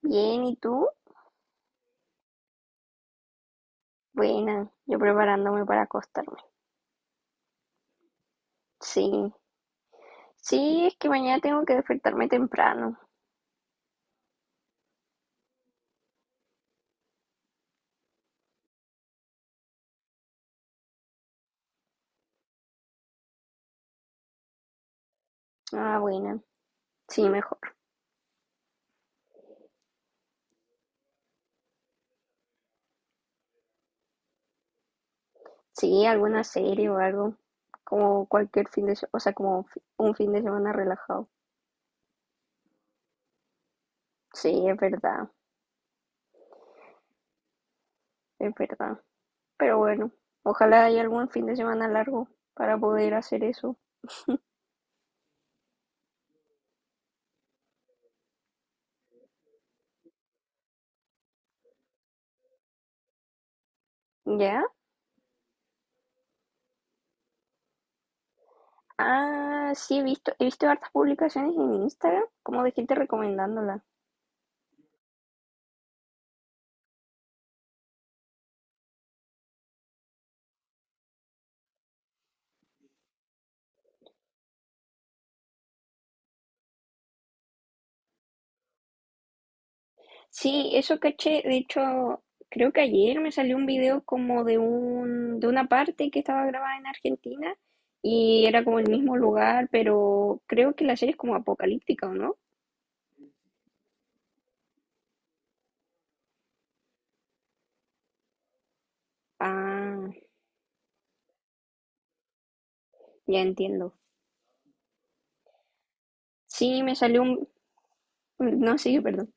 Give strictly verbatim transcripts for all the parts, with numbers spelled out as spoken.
Bien, ¿y tú? Buena, yo preparándome para acostarme. Sí, sí, es que mañana tengo que despertarme temprano. Ah, buena, sí, mejor. Sí, alguna serie o algo, como cualquier fin de semana, o sea, como fi- un fin de semana relajado. Sí, es verdad, es verdad. Pero bueno, ojalá haya algún fin de semana largo para poder hacer eso. ¿Ya? Ah, sí, he visto, he visto hartas publicaciones en Instagram, como de gente recomendándola. Sí, eso caché. De hecho, creo que ayer me salió un video como de un, de una parte que estaba grabada en Argentina y era como el mismo lugar, pero creo que la serie es como apocalíptica, ¿o no? Ah, ya entiendo. Sí, me salió un... No, sí, perdón.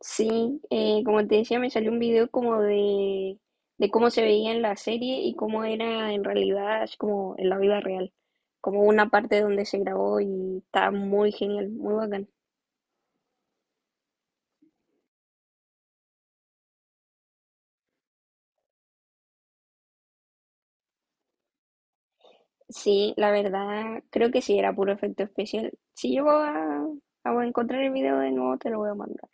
Sí, eh, como te decía, me salió un video como de, de cómo se veía en la serie y cómo era en realidad, así como en la vida real. Como una parte donde se grabó y está muy genial, muy bacán. Sí, la verdad, creo que sí, era puro efecto especial. Si llego a, a encontrar el video de nuevo, te lo voy a mandar.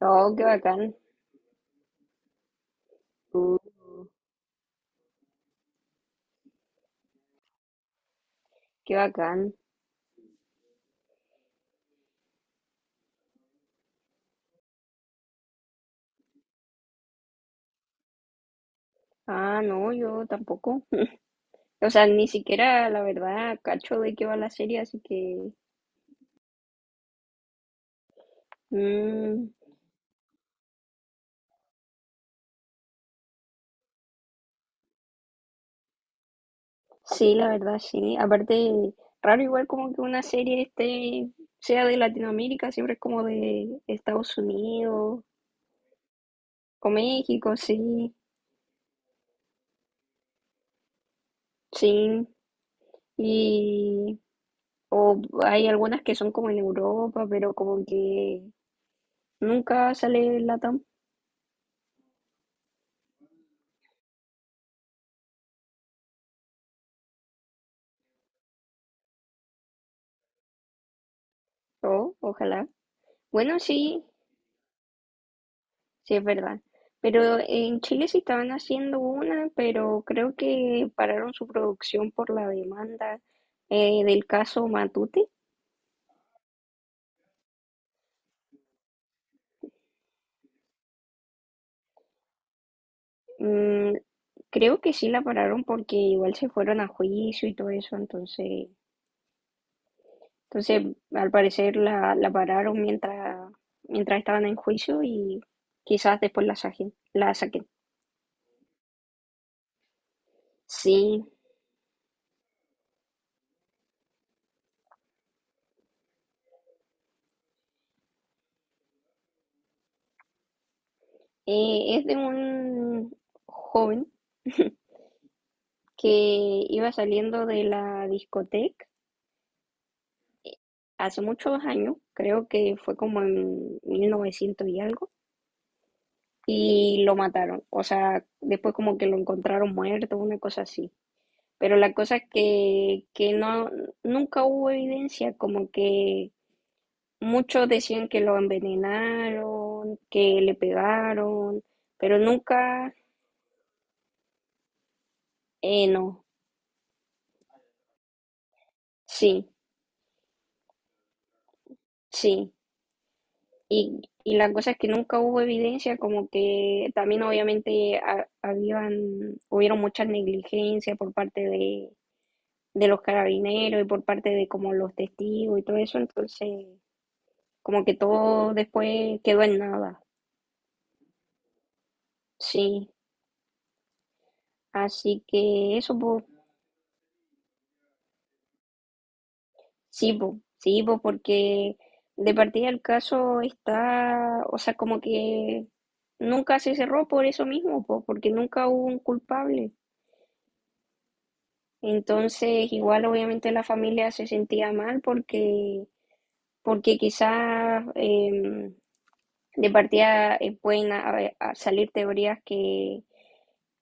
Oh, qué bacán. Uh, qué bacán. Ah, no, yo tampoco. O sea, ni siquiera, la verdad, cacho de qué va la serie, así que... Mm, sí, la verdad, sí. Aparte, raro igual como que una serie este sea de Latinoamérica, siempre es como de Estados Unidos o México, sí, sí. Y o hay algunas que son como en Europa, pero como que nunca sale Latam. O, ojalá. Bueno, sí, sí es verdad. Pero en Chile sí estaban haciendo una, pero creo que pararon su producción por la demanda eh, del caso Matute. Mm, creo que sí la pararon porque igual se fueron a juicio y todo eso, entonces entonces, al parecer la, la pararon mientras, mientras estaban en juicio y quizás después la saquen. La saquen. Sí, eh, es de un joven que iba saliendo de la discoteca eh, hace muchos años, creo que fue como en mil novecientos y algo, y lo mataron. O sea, después como que lo encontraron muerto, una cosa así. Pero la cosa es que, que no, nunca hubo evidencia como que muchos decían que lo envenenaron, que le pegaron, pero nunca, eh, no, sí, sí. Y, y la cosa es que nunca hubo evidencia, como que también obviamente ha- habían, hubieron muchas negligencias por parte de, de los carabineros y por parte de como los testigos y todo eso, entonces como que todo después quedó en nada, sí. Así que eso, pues, sí, po, sí, po, porque de partida el caso está, o sea, como que nunca se cerró por eso mismo, po, porque nunca hubo un culpable. Entonces, igual obviamente la familia se sentía mal porque, porque quizás eh, de partida eh, pueden a- a salir teorías que,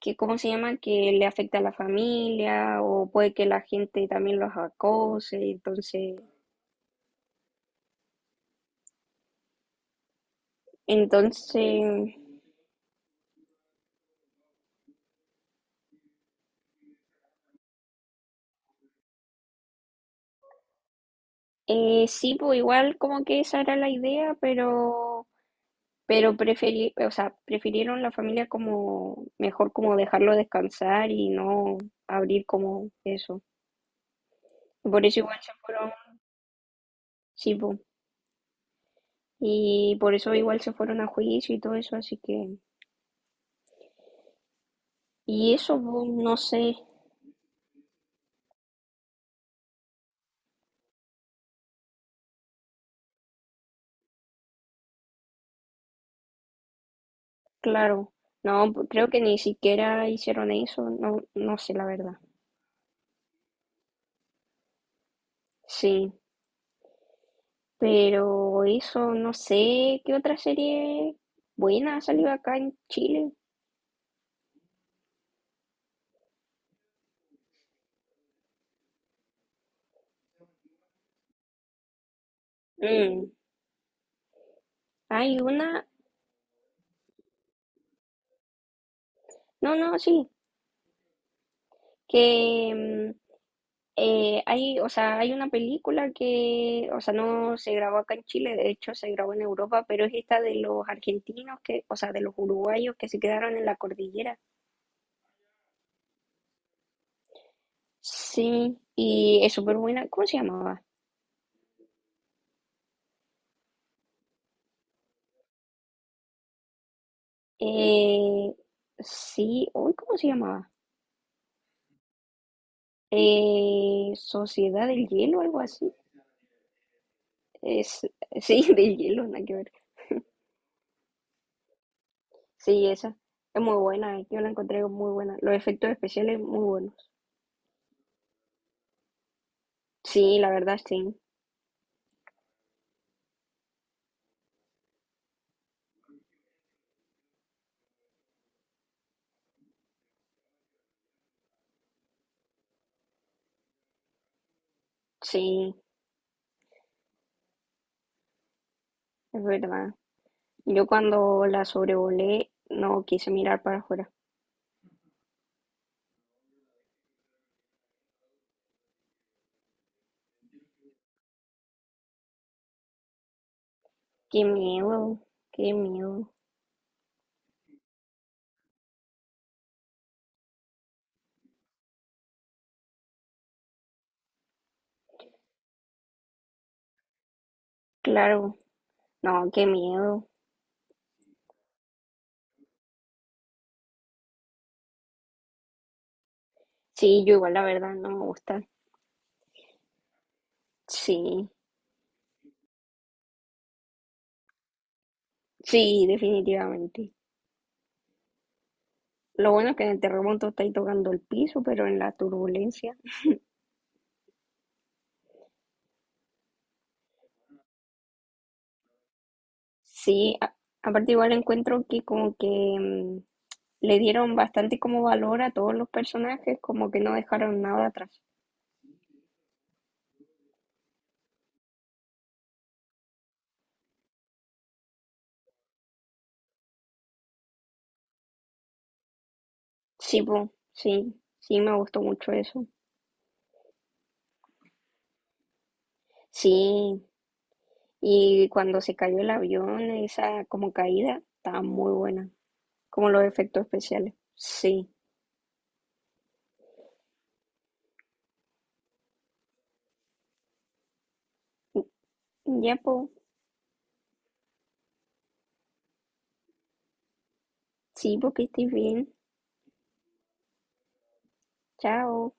que, ¿cómo se llama? Que le afecta a la familia o puede que la gente también los acose. Entonces, entonces... Eh, sí, pues igual como que esa era la idea, pero, pero preferí, o sea, prefirieron la familia como mejor como dejarlo descansar y no abrir como eso. Por eso igual se fueron, sí, pues, y por eso igual se fueron a juicio y todo eso, así que, y eso, pues, no sé, claro, no, pues, creo que ni siquiera hicieron eso, no, no sé la verdad. Sí. Pero eso, no sé qué otra serie buena ha salido acá en Chile. Mm, hay una, no, no, sí, que mm, eh, hay, o sea, hay una película que, o sea, no se grabó acá en Chile, de hecho se grabó en Europa, pero es esta de los argentinos que, o sea, de los uruguayos que se quedaron en la cordillera. Sí, y es súper buena. ¿Cómo se llamaba? Eh, sí, uy, ¿cómo se llamaba? Eh, Sociedad del Hielo, algo así. Es, sí, de hielo, nada que ver. Sí, esa es muy buena, eh, yo la encontré muy buena. Los efectos especiales muy buenos. Sí, la verdad, sí, sí, es verdad. Yo cuando la sobrevolé no quise mirar para afuera. Qué miedo, qué miedo. Claro, no, qué miedo. Sí, yo igual la verdad no me gusta. Sí, sí, definitivamente. Lo bueno es que en el terremoto estáis tocando el piso, pero en la turbulencia... Sí, a- aparte igual encuentro que como que mm, le dieron bastante como valor a todos los personajes, como que no dejaron nada atrás. Sí, po, sí, sí me gustó mucho eso. Sí, y cuando se cayó el avión, esa como caída, estaba muy buena, como los efectos especiales. Sí, ya po, sí, porque estés bien. Chao.